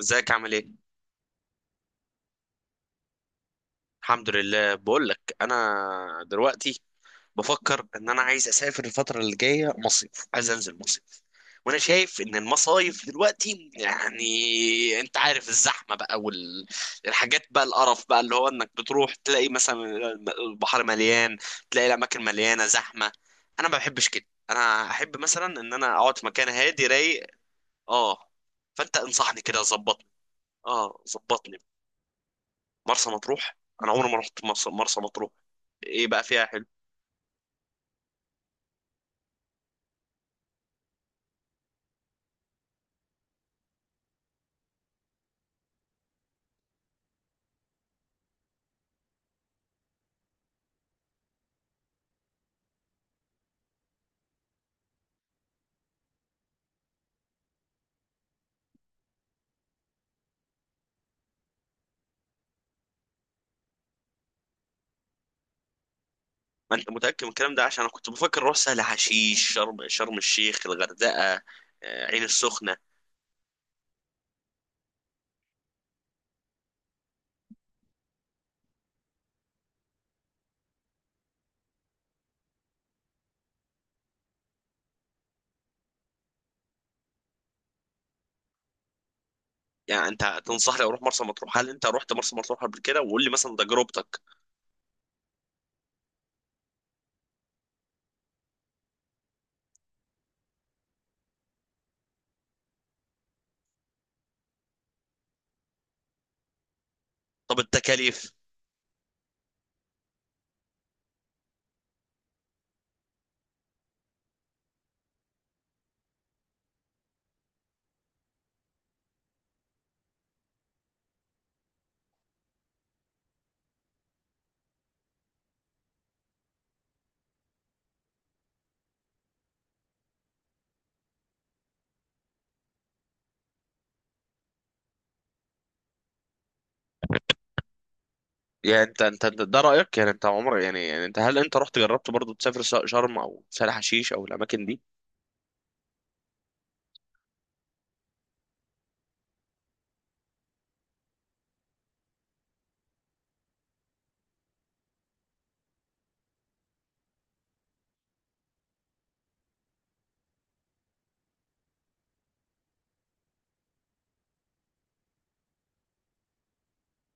ازيك، عامل ايه؟ الحمد لله. بقول لك انا دلوقتي بفكر ان انا عايز اسافر الفتره اللي جايه مصيف، عايز انزل مصيف. وانا شايف ان المصايف دلوقتي يعني انت عارف الزحمه بقى، والحاجات بقى، القرف بقى، اللي هو انك بتروح تلاقي مثلا البحر مليان، تلاقي الاماكن مليانه زحمه. انا ما بحبش كده، انا احب مثلا ان انا اقعد في مكان هادي رايق. اه. فانت انصحني كده، ظبطني. اه، ظبطني. مرسى مطروح. انا عمري ما رحت مرسى مطروح. ايه بقى فيها حلو؟ ما انت متاكد من الكلام ده؟ عشان انا كنت بفكر اروح سهل حشيش، شرم الشيخ، الغردقه، عين السخنه. يعني انت تنصحني اروح مرسى مطروح؟ هل انت رحت مرسى مطروح قبل كده؟ وقول لي مثلا تجربتك. طب، التكاليف؟ يعني ده رايك. يعني انت عمرك يعني انت، هل انت رحت جربت برضو تسافر شرم او سهل حشيش او الاماكن دي؟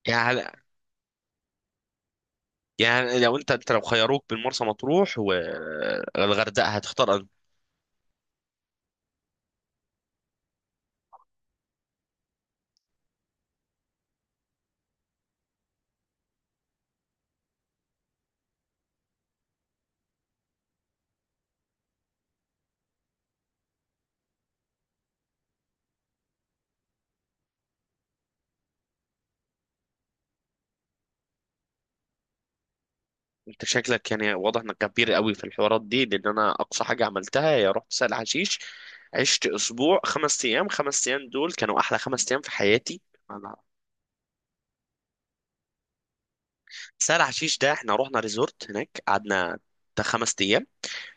يعني هل، يعني لو انت انت لو خيروك بين مرسى مطروح والغردقه هتختار انهي؟ انت شكلك يعني واضح انك كبير قوي في الحوارات دي، لان انا اقصى حاجه عملتها هي رحت سهل حشيش. عشت اسبوع، 5 ايام. 5 ايام دول كانوا احلى 5 ايام في حياتي. انا. سهل حشيش ده احنا رحنا ريزورت هناك، قعدنا بتاع 5 ايام.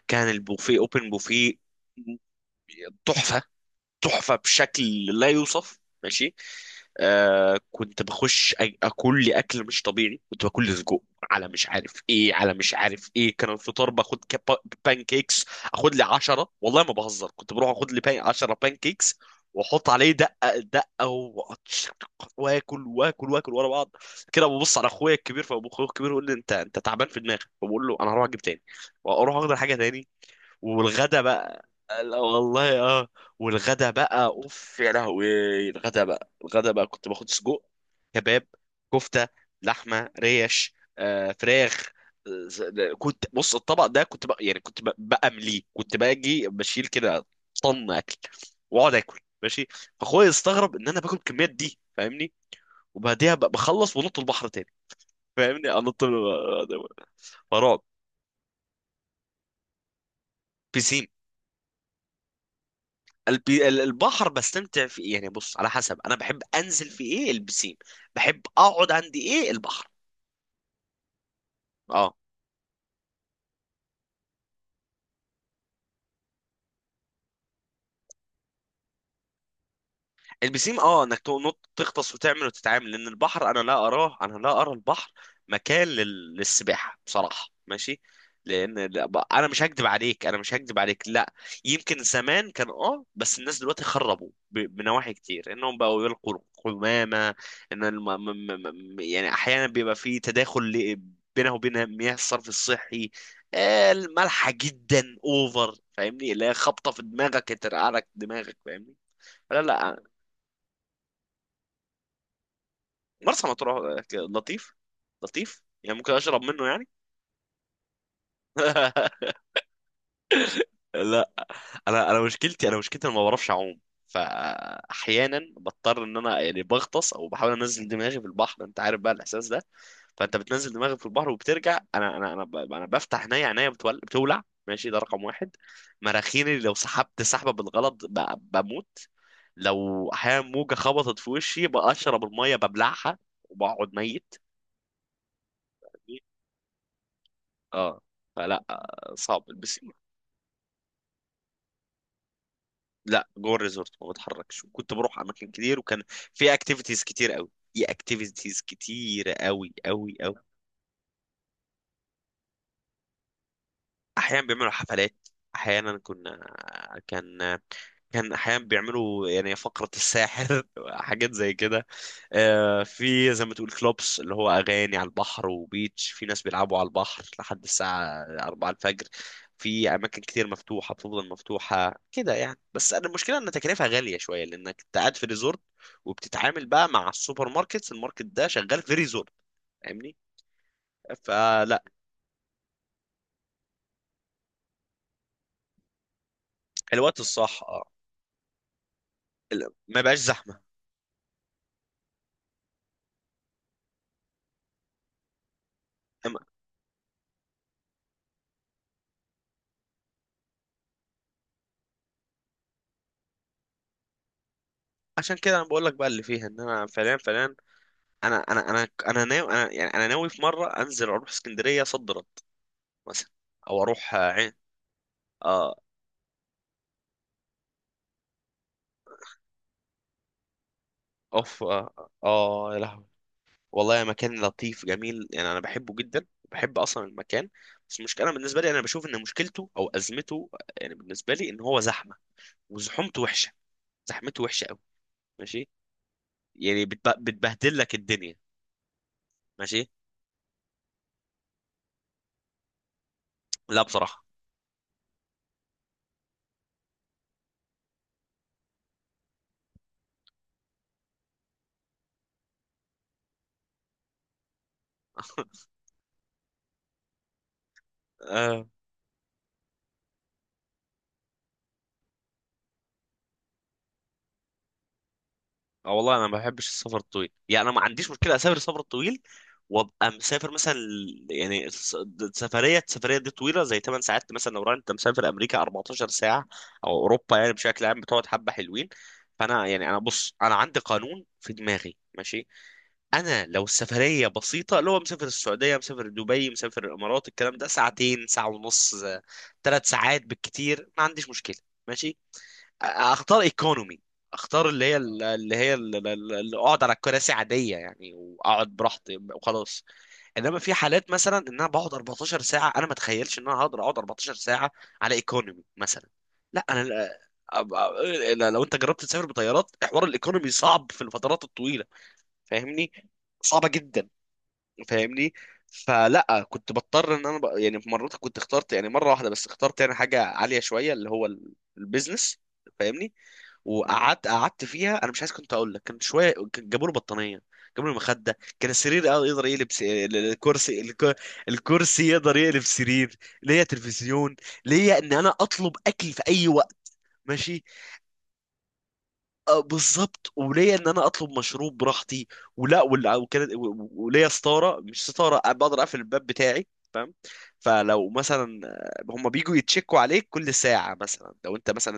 كان البوفيه اوبن بوفيه. تحفه. تحفه بشكل لا يوصف، ماشي. كنت بخش اكل لي اكل مش طبيعي، كنت باكل لي سجق، على مش عارف ايه، على مش عارف ايه. كان الفطار باخد كاب، بانكيكس. اخد لي 10، والله ما بهزر. كنت بروح اخد لي بان 10 بانكيكس. واحط عليه دقه دقه، وأقعد واكل واكل واكل ورا بعض. كده ببص على اخويا الكبير، فابو اخويا الكبير يقول لي انت تعبان في دماغك، فبقول له انا هروح اجيب تاني. واروح اخد حاجه تاني. والغدا بقى. لا والله. اه. والغدا بقى، اوف يا لهوي. الغدا بقى كنت باخد سجق، كباب، كفته، لحمه، ريش، فراخ. كنت بص الطبق ده، كنت بقى يعني كنت بأمليه، كنت باجي بشيل كده، طن اكل، واقعد اكل، ماشي. فاخويا استغرب ان انا باكل الكميات دي، فاهمني. وبعديها بخلص ونط البحر تاني. فاهمني، انط فرعب. بيسين. البحر بستمتع في إيه؟ يعني بص، على حسب. انا بحب انزل في ايه؟ البسين. بحب اقعد عندي ايه؟ البحر. اه. البسيم، اه، انك تنط تغطس وتعمل وتتعامل. لان البحر، انا لا اراه، انا لا ارى البحر مكان للسباحه بصراحه، ماشي. لان انا مش هكدب عليك. لا. يمكن زمان كان، بس الناس دلوقتي خربوا بنواحي كتير، انهم بقوا يلقوا القمامه. ان الم... م... م... م... يعني احيانا بيبقى في تداخل بينه وبين مياه الصرف الصحي، المالحه جدا اوفر، فاهمني، اللي هي خبطه في دماغك ترقع لك دماغك، فاهمني. لا، لا. مرسى مطروح لطيف. لطيف يعني، ممكن اشرب منه يعني. لا. انا انا مشكلتي، انا ما بعرفش اعوم. فاحيانا بضطر ان انا يعني بغطس او بحاول انزل دماغي في البحر، انت عارف بقى الاحساس ده. فانت بتنزل دماغك في البحر وبترجع. انا بفتح عينيا بتولع، ماشي. ده رقم واحد. مراخيني، لو سحبت سحبه بالغلط بموت. لو احيانا موجه خبطت في وشي بقشرب الميه ببلعها، وبقعد ميت. اه. فلا، صعب بس. لا، جوه الريزورت ما بتحركش، وكنت بروح اماكن كتير، وكان في اكتيفيتيز كتير قوي. في اكتيفيتيز كتير، قوي قوي قوي. احيانا بيعملوا حفلات. احيانا كنا. كان. كان احيانا بيعملوا يعني فقرة الساحر، حاجات زي كده. في زي ما تقول كلوبس، اللي هو اغاني على البحر وبيتش. في ناس بيلعبوا على البحر لحد الساعة 4 الفجر. في اماكن كتير مفتوحة، بتفضل مفتوحة كده يعني. بس أنا المشكلة ان تكلفة غالية شوية لانك أنت قاعد في ريزورت، وبتتعامل بقى مع السوبر ماركتس، الماركت ده شغال في ريزورت. فاهمني. فلا. الوقت الصح، اه. ما بقاش زحمة. عشان كده انا بقول لك بقى اللي فيها ان انا فعليا فعليا، انا انا انا انا ناوي، انا يعني انا ناوي في مره انزل اروح اسكندريه صد رد، مثلا، او اروح عين. اه. اوف، اه، آه يا لهوي. والله مكان لطيف جميل، يعني انا بحبه جدا. بحب اصلا المكان. بس المشكله بالنسبه لي، انا بشوف ان مشكلته او ازمته، يعني بالنسبه لي، ان هو زحمه. وزحومته وحشه. زحمته وحشه قوي. ماشي. يعني بتبهدل لك الدنيا. ماشي. لا بصراحه. آه. اه، والله انا ما بحبش السفر الطويل. يعني انا ما عنديش مشكله اسافر السفر الطويل، وابقى مسافر مثلا يعني السفريه دي طويله، زي 8 ساعات. مثلا لو انت مسافر امريكا 14 ساعه، او اوروبا، يعني بشكل عام بتقعد حبه حلوين. فانا يعني انا بص، انا عندي قانون في دماغي، ماشي. انا لو السفريه بسيطه، اللي هو مسافر السعوديه، مسافر دبي، مسافر الامارات، الكلام ده ساعتين، ساعه ونص، 3 ساعات بالكتير، ما عنديش مشكله. ماشي. اختار ايكونومي. اختار اللي اقعد على كراسي عاديه يعني، واقعد براحتي وخلاص. انما في حالات مثلا ان انا بقعد 14 ساعه، انا ما اتخيلش ان انا هقدر اقعد 14 ساعه على ايكونومي مثلا. لا انا. أب- أب- لا، لو انت جربت تسافر بطيارات، حوار الايكونومي صعب في الفترات الطويله، فاهمني. صعبه جدا. فاهمني. فلا كنت بضطر ان انا يعني، في مرات كنت اخترت يعني مره واحده بس، اخترت يعني حاجه عاليه شويه، اللي هو البيزنس. فاهمني. وقعدت قعدت فيها، انا مش عايز كنت اقول لك، كان شويه. كان جابوا له بطانيه، جابوا له مخده، كان السرير يقدر يقلب الكرسي الكرسي يقدر يقلب سرير. ليا تلفزيون. ليا ان انا اطلب اكل في اي وقت، ماشي. بالظبط. وليا ان انا اطلب مشروب براحتي. ولا وكانت وليا ستاره، مش ستاره، بقدر اقفل الباب بتاعي. فاهم. فلو مثلا هم بيجوا يتشكوا عليك كل ساعه، مثلا لو انت مثلا.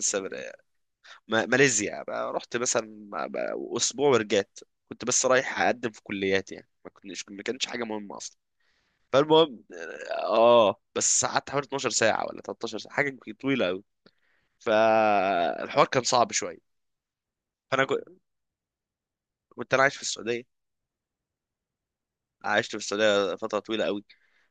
ماليزيا بقى، رحت مثلا بقى اسبوع ورجعت. كنت بس رايح اقدم في كليات يعني، ما كانتش حاجه مهمه اصلا. فالمهم، اه، بس قعدت حوالي 12 ساعه ولا 13 ساعه، حاجه طويله قوي. فالحوار كان صعب شويه. فانا كنت انا عايش في السعوديه. عشت في السعوديه فتره طويله قوي،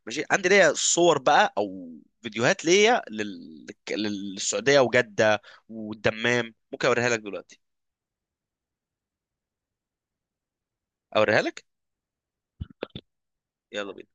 ماشي. عندي ليا صور بقى، او فيديوهات ليا للسعوديه، وجده، والدمام. ممكن اوريها لك دلوقتي. اوريها لك. يلا بينا.